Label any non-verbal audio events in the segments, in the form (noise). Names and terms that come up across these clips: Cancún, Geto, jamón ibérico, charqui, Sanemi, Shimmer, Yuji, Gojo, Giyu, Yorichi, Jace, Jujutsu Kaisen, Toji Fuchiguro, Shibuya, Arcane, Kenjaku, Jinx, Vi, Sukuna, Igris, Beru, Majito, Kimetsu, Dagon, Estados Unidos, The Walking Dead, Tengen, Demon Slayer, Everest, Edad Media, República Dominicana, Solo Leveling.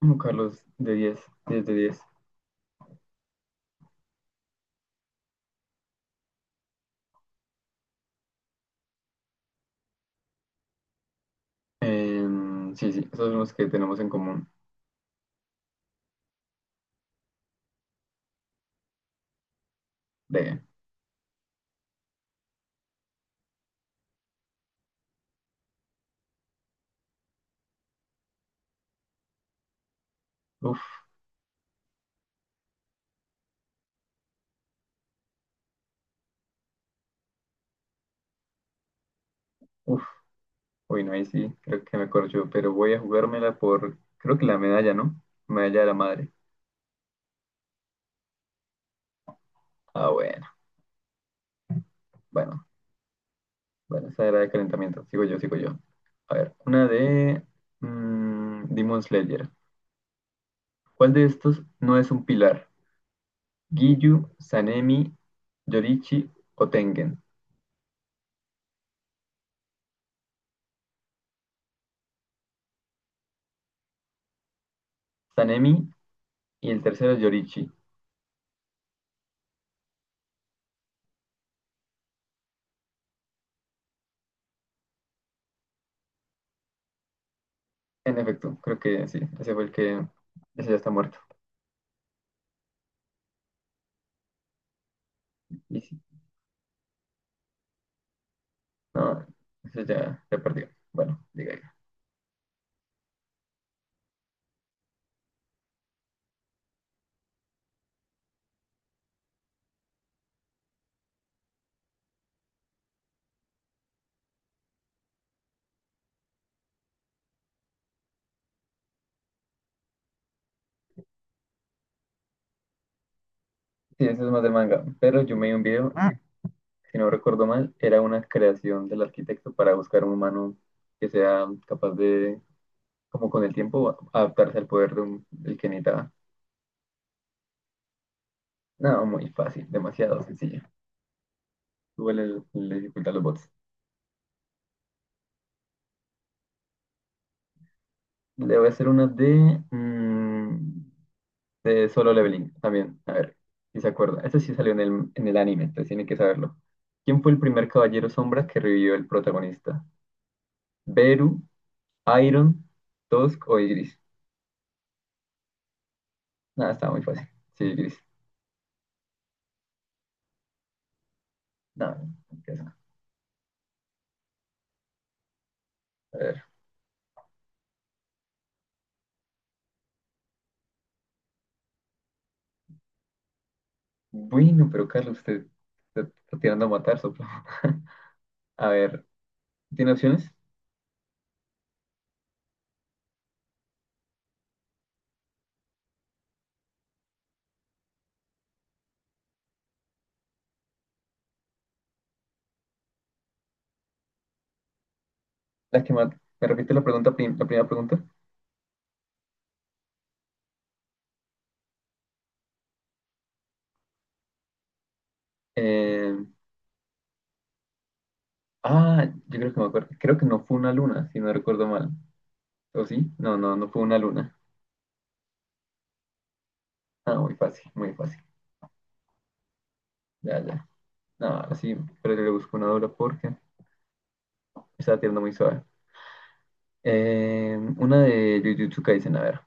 No, Carlos, de 10, 10 de 10. Sí, sí, esos son los que tenemos en común. De, uf, uf, uy, No, ahí sí, creo que me corcho, pero voy a jugármela por, creo que la medalla, ¿no? Medalla de la madre. Ah, bueno, bueno, bueno, esa era de calentamiento. Sigo yo, sigo yo. A ver, una de Demon Slayer. ¿Cuál de estos no es un pilar? Giyu, Sanemi, Yorichi o Tengen. Sanemi y el tercero Yorichi. En efecto, creo que sí, ese fue el que, ese ya está muerto. Y sí, no, ese ya, ya perdió. Bueno, diga ya. Sí, ese es más de manga, pero yo me vi un video, si no recuerdo mal, era una creación del arquitecto para buscar un humano que sea capaz de, como con el tiempo, adaptarse al poder de un, del que necesitaba. No, muy fácil, demasiado sencillo. Igual le, le dificulta a los bots. Le voy a hacer una de... mm, de Solo Leveling también. A ver, si se acuerda. Este sí salió en el anime, entonces tiene que saberlo. ¿Quién fue el primer caballero sombra que revivió el protagonista? ¿Beru, Iron, Tusk o Igris? Nada, estaba muy fácil. Sí, Igris. Nada, empieza. A ver. Bueno, pero Carlos, usted está tirando a matar, sopla. (laughs) A ver, ¿tiene opciones? Las que más... ¿Me repite la pregunta, la primera pregunta? Eh, ah, yo creo que me acuerdo. Creo que no fue una luna, si no recuerdo mal. ¿O sí? No, no, no fue una luna. Ah, muy fácil, muy fácil. Ya, ya. No, así, pero yo le busco una dura porque está tirando muy suave. Una de Jujutsu Kaisen, a ver.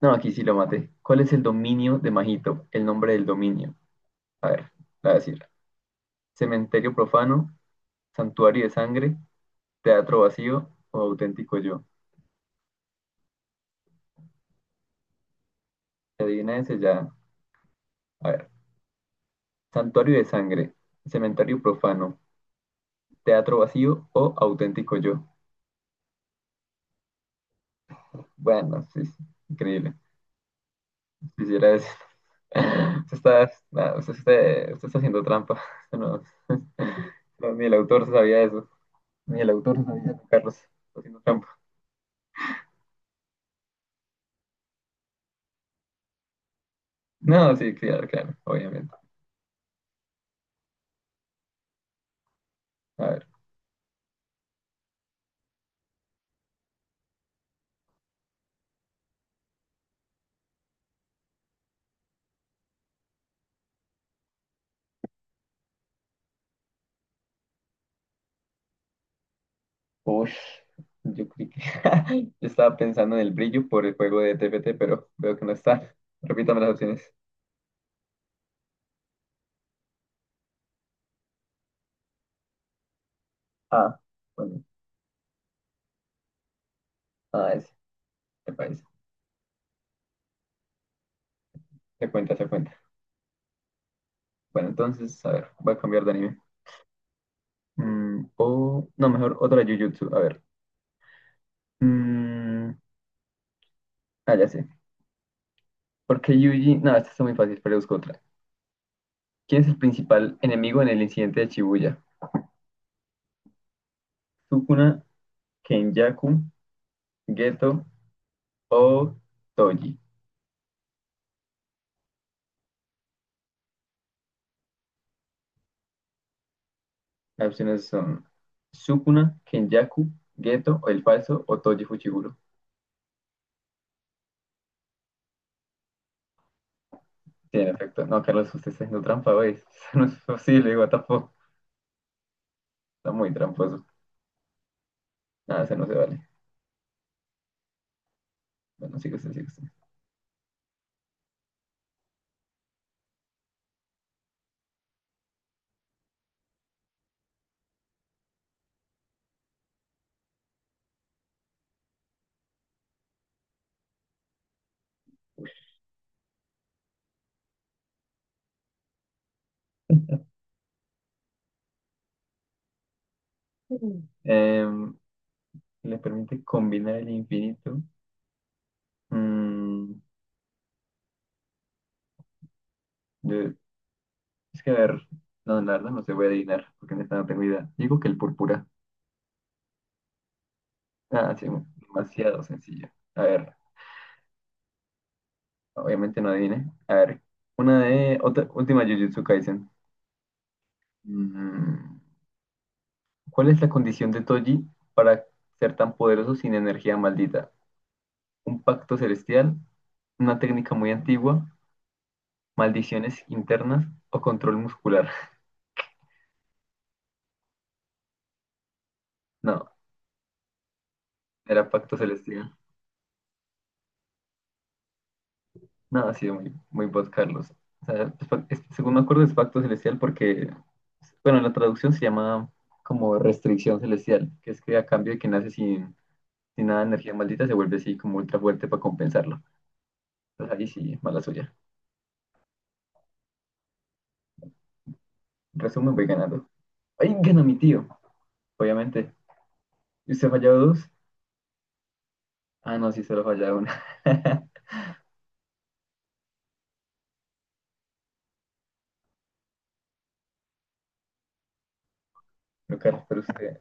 No, aquí sí lo maté. ¿Cuál es el dominio de Majito? El nombre del dominio. A ver, la voy a decir. Cementerio profano, santuario de sangre, teatro vacío o auténtico yo. Si Adivina ese ya. A ver. Santuario de sangre, cementerio profano, teatro vacío o auténtico yo. Bueno, sí, sí, increíble. Quisiera decir. (laughs) Usted está, nada, usted está haciendo trampa. (laughs) Usted No, no, ni el autor sabía eso. Ni el autor sabía eso, Carlos. Está haciendo trampa. No, sí, claro, claro, obviamente. A ver. Uy, yo creí que... (laughs) yo estaba pensando en el brillo por el juego de TPT, pero veo que no está. Repítame las opciones. Ah, bueno. Ah, ese. Me parece. Se cuenta, se cuenta. Bueno, entonces, a ver, voy a cambiar de anime. O, no, mejor otra Jujutsu. A ver. Mm, ah, ya sé. Porque Yuji, no, esta está muy fácil, pero busco otra. ¿Quién es el principal enemigo en el incidente de Shibuya? Sukuna, Kenjaku, Geto o Toji. Las opciones son Sukuna, Kenjaku, Geto o el falso o Toji Fuchiguro. Sí, en efecto. No, Carlos, usted está haciendo trampa, ¿veis? (laughs) Eso no es posible, what the fuck. Está muy tramposo. Nada, eso no se vale. Bueno, sigue usted, sigue usted. Mm. Le permite combinar el infinito. Mm, de- Es que a ver, no, la verdad no se voy a adivinar, porque neta no tengo idea. Digo que el púrpura. Ah, sí, bueno, demasiado sencillo. A ver, obviamente no adiviné. A ver, una de, otra, última Jujutsu Kaisen. Mm, ¿Cuál es la condición de Toji para ser tan poderoso sin energía maldita? ¿Un pacto celestial? ¿Una técnica muy antigua? ¿Maldiciones internas o control muscular? (laughs) No, era pacto celestial. No, ha sido muy, muy vos, Carlos. O sea, según me acuerdo es pacto celestial porque, bueno, en la traducción se llama como restricción celestial, que es que a cambio de que nace sin, sin nada de energía maldita se vuelve así como ultra fuerte para compensarlo. Entonces ahí sí, mala suya. En resumen, voy ganando. ¡Ay, gana mi tío! Obviamente. ¿Y usted ha fallado dos? Ah, no, sí, solo ha fallado una. (laughs) No, Carlos, pero usted,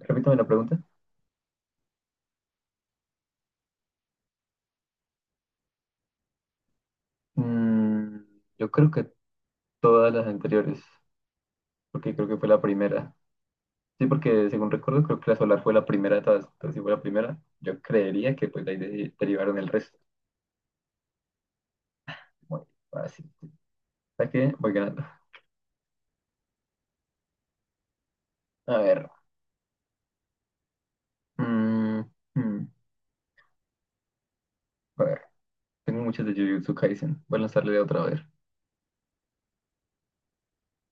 repítame la pregunta. Mm, yo creo que todas las anteriores, porque creo que fue la primera. Sí, porque según recuerdo, creo que la solar fue la primera de todas. Entonces, si fue la primera, yo creería que pues de ahí derivaron el resto. Muy fácil. ¿Sabes qué? Voy ganando. A ver. Mm, mm, a ver. Tengo muchas de Jujutsu Kaisen. Voy a lanzarle de otra vez.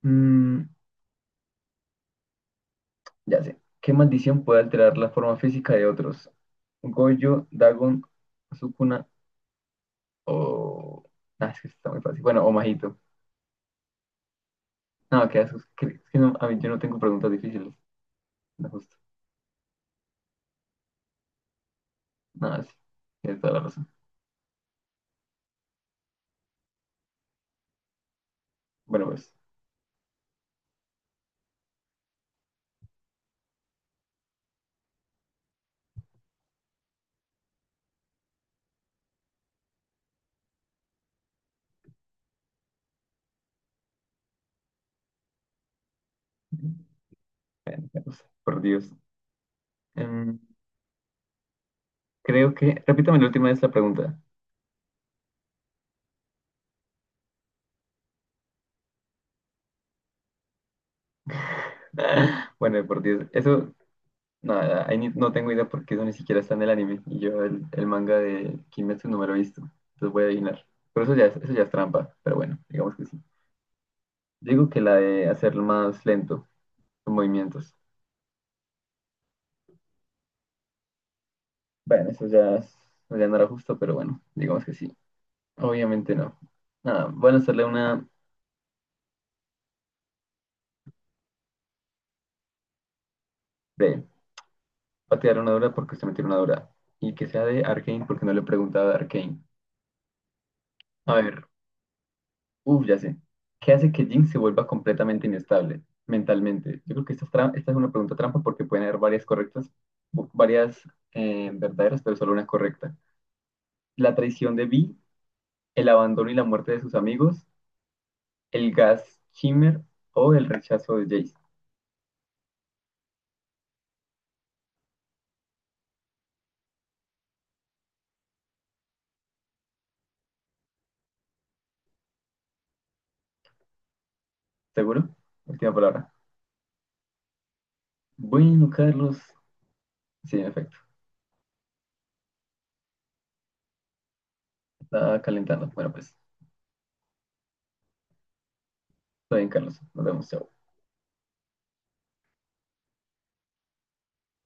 Mm, ya sé. ¿Qué maldición puede alterar la forma física de otros? Gojo, Dagon, Sukuna o... Ah, es que está muy fácil. Bueno, o Majito. No, qué asco. Es que, a mí yo no tengo preguntas difíciles. No, justo. No, sí. Tienes toda la razón. Bueno, pues. Por Dios. Em, creo que. Repítame la última vez la pregunta. (laughs) Bueno, por Dios. Eso. Nada, ahí ni- no tengo idea porque eso ni siquiera está en el anime. Y yo el manga de Kimetsu no me lo he visto. Entonces voy a adivinar. Pero eso ya es trampa. Pero bueno, digamos que sí. Digo que la de hacerlo más lento, los movimientos. Bueno, eso ya no era justo, pero bueno, digamos que sí. Obviamente no. Nada, voy a hacerle una B. Va a tirar una dura porque se metió una dura. Y que sea de Arcane porque no le he preguntado de Arcane. A ver, uff, ya sé. ¿Qué hace que Jinx se vuelva completamente inestable mentalmente? Yo creo que esta es, esta es una pregunta trampa porque pueden haber varias correctas, varias verdaderas, pero solo una correcta. La traición de Vi, el abandono y la muerte de sus amigos, el gas Shimmer o el rechazo de Jace. ¿Seguro? Última palabra. Bueno, Carlos. Sí, en efecto. Está calentando. Bueno, pues, está bien, Carlos. Nos vemos. Chao.